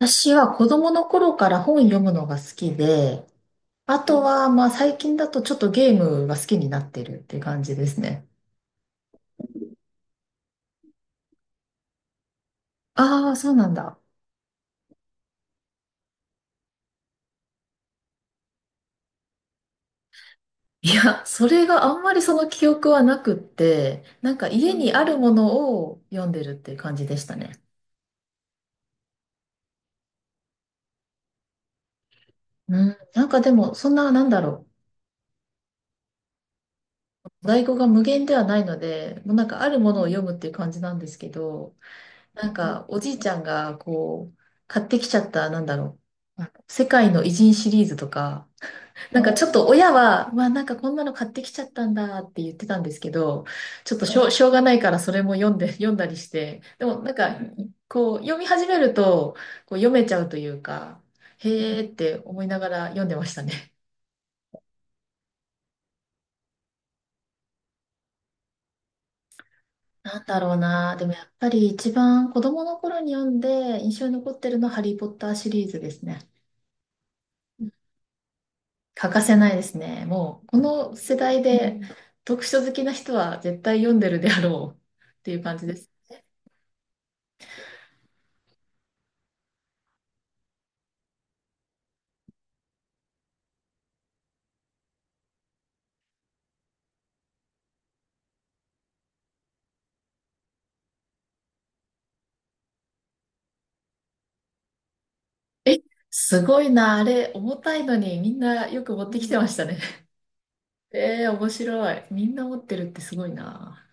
私は子供の頃から本読むのが好きで、あとはまあ最近だとちょっとゲームが好きになってるっていう感じですね。ああ、そうなんだ。いや、それがあんまりその記憶はなくって、なんか家にあるものを読んでるっていう感じでしたね。うん、なんかでもそんな、なんだろう。在庫が無限ではないので、もうなんかあるものを読むっていう感じなんですけど、なんんかおじいちゃんがこう、買ってきちゃった、なんだろう。あの世界の偉人シリーズとか、なんかちょっと親は、まあなんかこんなの買ってきちゃったんだって言ってたんですけど、ちょっとしょうがないからそれも読んで、読んだりして、でもなんか、こう読み始めると、こう読めちゃうというか、へーって思いながら読んでましたね。なんだろうな。でもやっぱり一番子供の頃に読んで印象に残ってるのはハリー・ポッターシリーズですね。欠かせないですね。もうこの世代うでうん、読書好きな人は絶対読んでるであろうっていう感じです。え、すごいな、あれ、重たいのにみんなよく持ってきてましたね。えー、面白い。みんな持ってるってすごいな。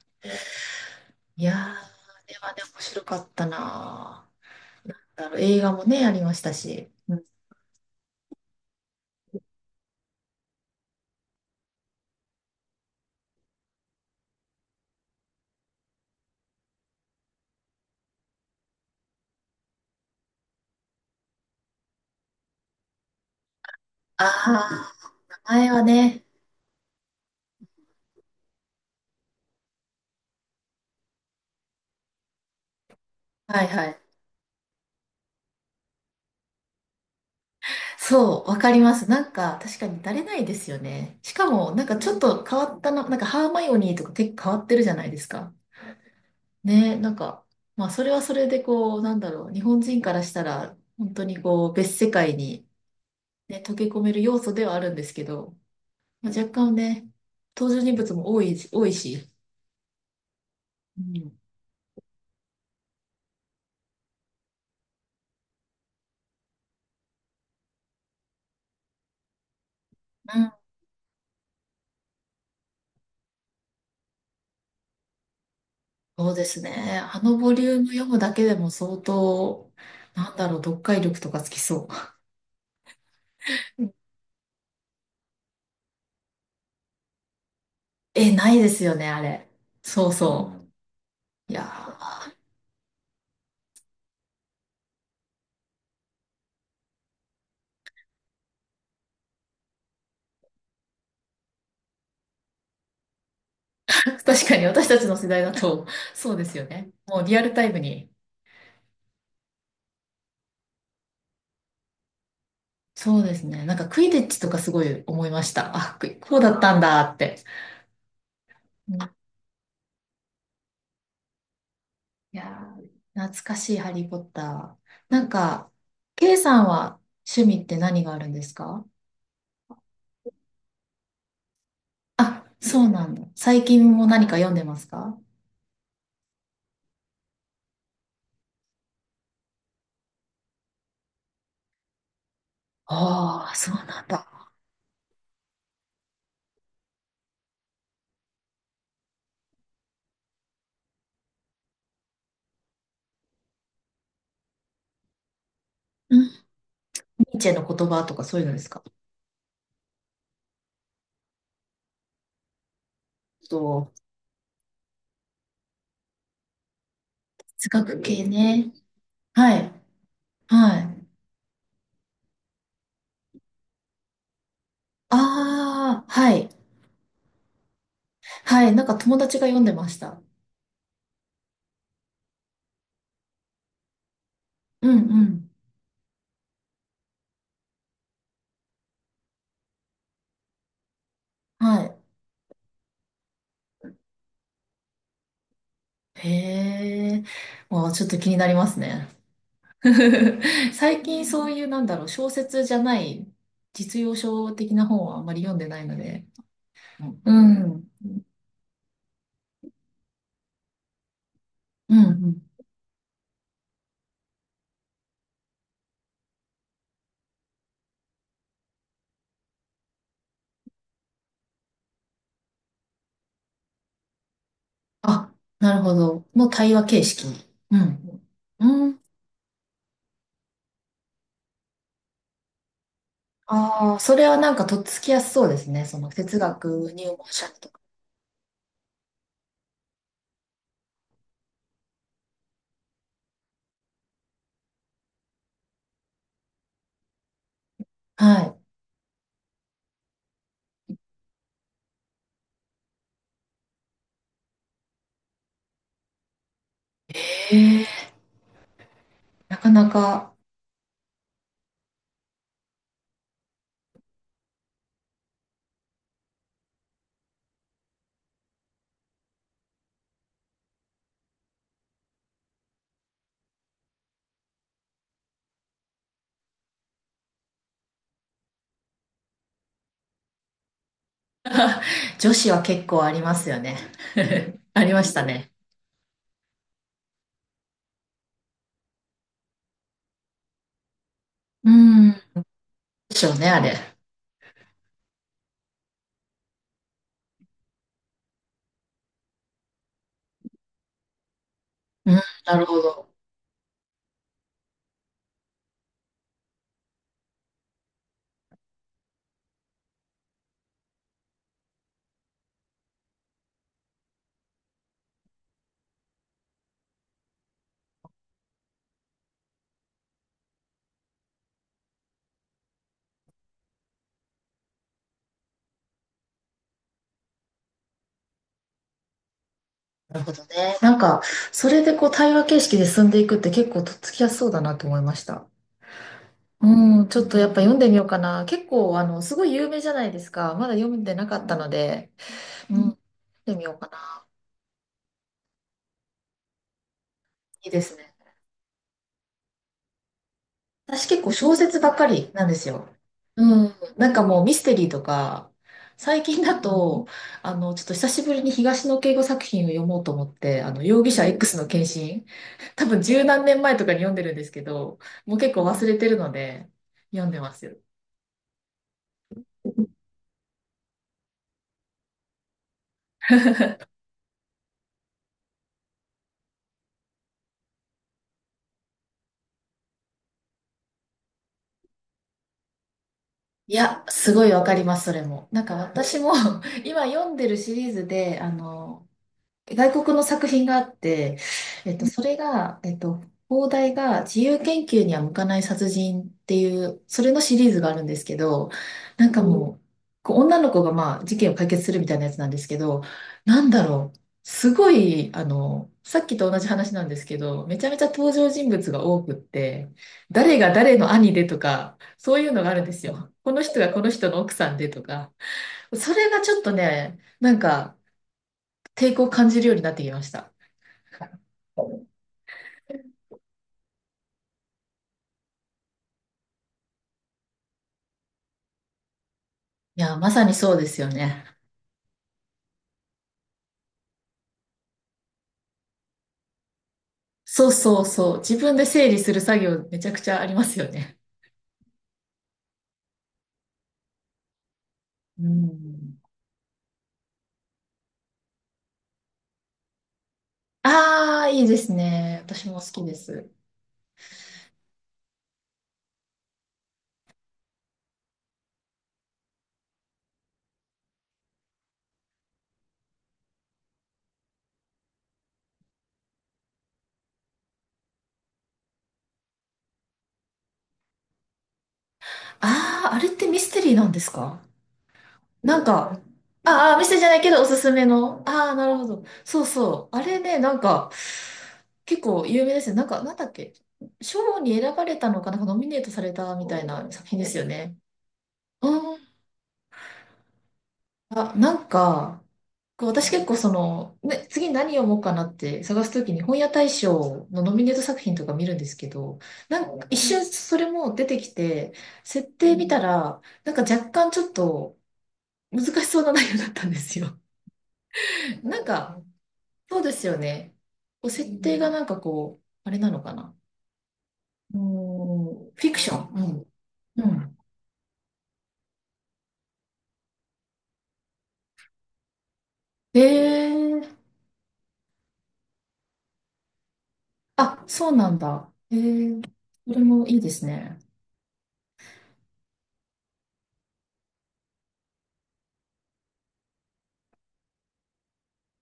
いやー、あれはね、面白かったな。だろう、映画もね、ありましたし。うん、ああ、前はね、はいはい。そう、わかります。なんか、確かに慣れないですよね。しかも、なんかちょっと変わったの、なんかハーマイオニーとか結構変わってるじゃないですか。ね、なんか、まあ、それはそれでこう、なんだろう、日本人からしたら、本当にこう、別世界に、ね、溶け込める要素ではあるんですけど、まあ、若干ね、登場人物も多い、多いし、うん、うん、そうですね。あのボリューム読むだけでも相当、なんだろう、読解力とかつきそう。うん、え、ないですよね、あれ。そうそう。いやー、確かに私たちの世代だと、そうですよね。もうリアルタイムに。そうですね。なんかクイディッチとかすごい思いました。あ、クイこうだったんだって。いやー、懐かしいハリー・ポッター。なんか、ケイさんは趣味って何があるんですか？あ、そうなんだ。最近も何か読んでますか？ああー、そうなんだ。うん。ニーチェの言葉とかそういうのですか？そう。哲学系ね。はい。はい。ああ、はい。はい。なんか友達が読んでました。うんうん。はい。へえ。もうちょっと気になりますね。最近そういう、なんだろう、小説じゃない、実用書的な本はあんまり読んでないので。うん。うん、うん。あ、なるほど。の対話形式。うん。うん。ああ、それはなんかとっつきやすそうですね。その哲学入門者とか。はい。なかなか。女子は結構ありますよね。ありましたね。うん。でしょうね、あれ。うん、なるほど。なるほどね。なんか、それでこう対話形式で進んでいくって結構とっつきやすそうだなと思いました。うん、ちょっとやっぱ読んでみようかな。結構、あの、すごい有名じゃないですか。まだ読んでなかったので、うん、読んでみようかな。いいですね。私結構小説ばっかりなんですよ。うん。なんかもうミステリーとか、最近だと、あの、ちょっと久しぶりに東野圭吾作品を読もうと思って、あの、容疑者 X の献身、多分十何年前とかに読んでるんですけど、もう結構忘れてるので、読んでますよ。いや、すごいわかります、それも。なんか私も 今読んでるシリーズで、あの、外国の作品があって、えっと、それが、えっと、放題が自由研究には向かない殺人っていう、それのシリーズがあるんですけど、なんかもう、こう女の子がまあ事件を解決するみたいなやつなんですけど、なんだろう、すごい、あの、さっきと同じ話なんですけど、めちゃめちゃ登場人物が多くって、誰が誰の兄でとか、そういうのがあるんですよ。この人がこの人の奥さんでとか、それがちょっとね、なんか抵抗を感じるようになってきました。いや、まさにそうですよね。そうそうそう。自分で整理する作業めちゃくちゃありますよね。うん。ああ、いいですね。私も好きです。ああ、あれってミステリーなんですか？なんか、あー、あミステリーじゃないけどおすすめの。ああ、なるほど。そうそう。あれね、なんか、結構有名ですよ。なんか、なんだっけ。賞に選ばれたのかな、なんかノミネートされたみたいな作品ですよね。うん。あ、なんか、こう私結構その、ね、次何読もうかなって探すときに本屋大賞のノミネート作品とか見るんですけど、なんか一瞬それも出てきて、設定見たら、なんか若干ちょっと難しそうな内容だったんですよ。なんか、そうですよね。こう設定がなんかこう、あれなのかな。うーん、フィクション。うん。うん。へえ、あ、そうなんだ。へえ、それもいいですね。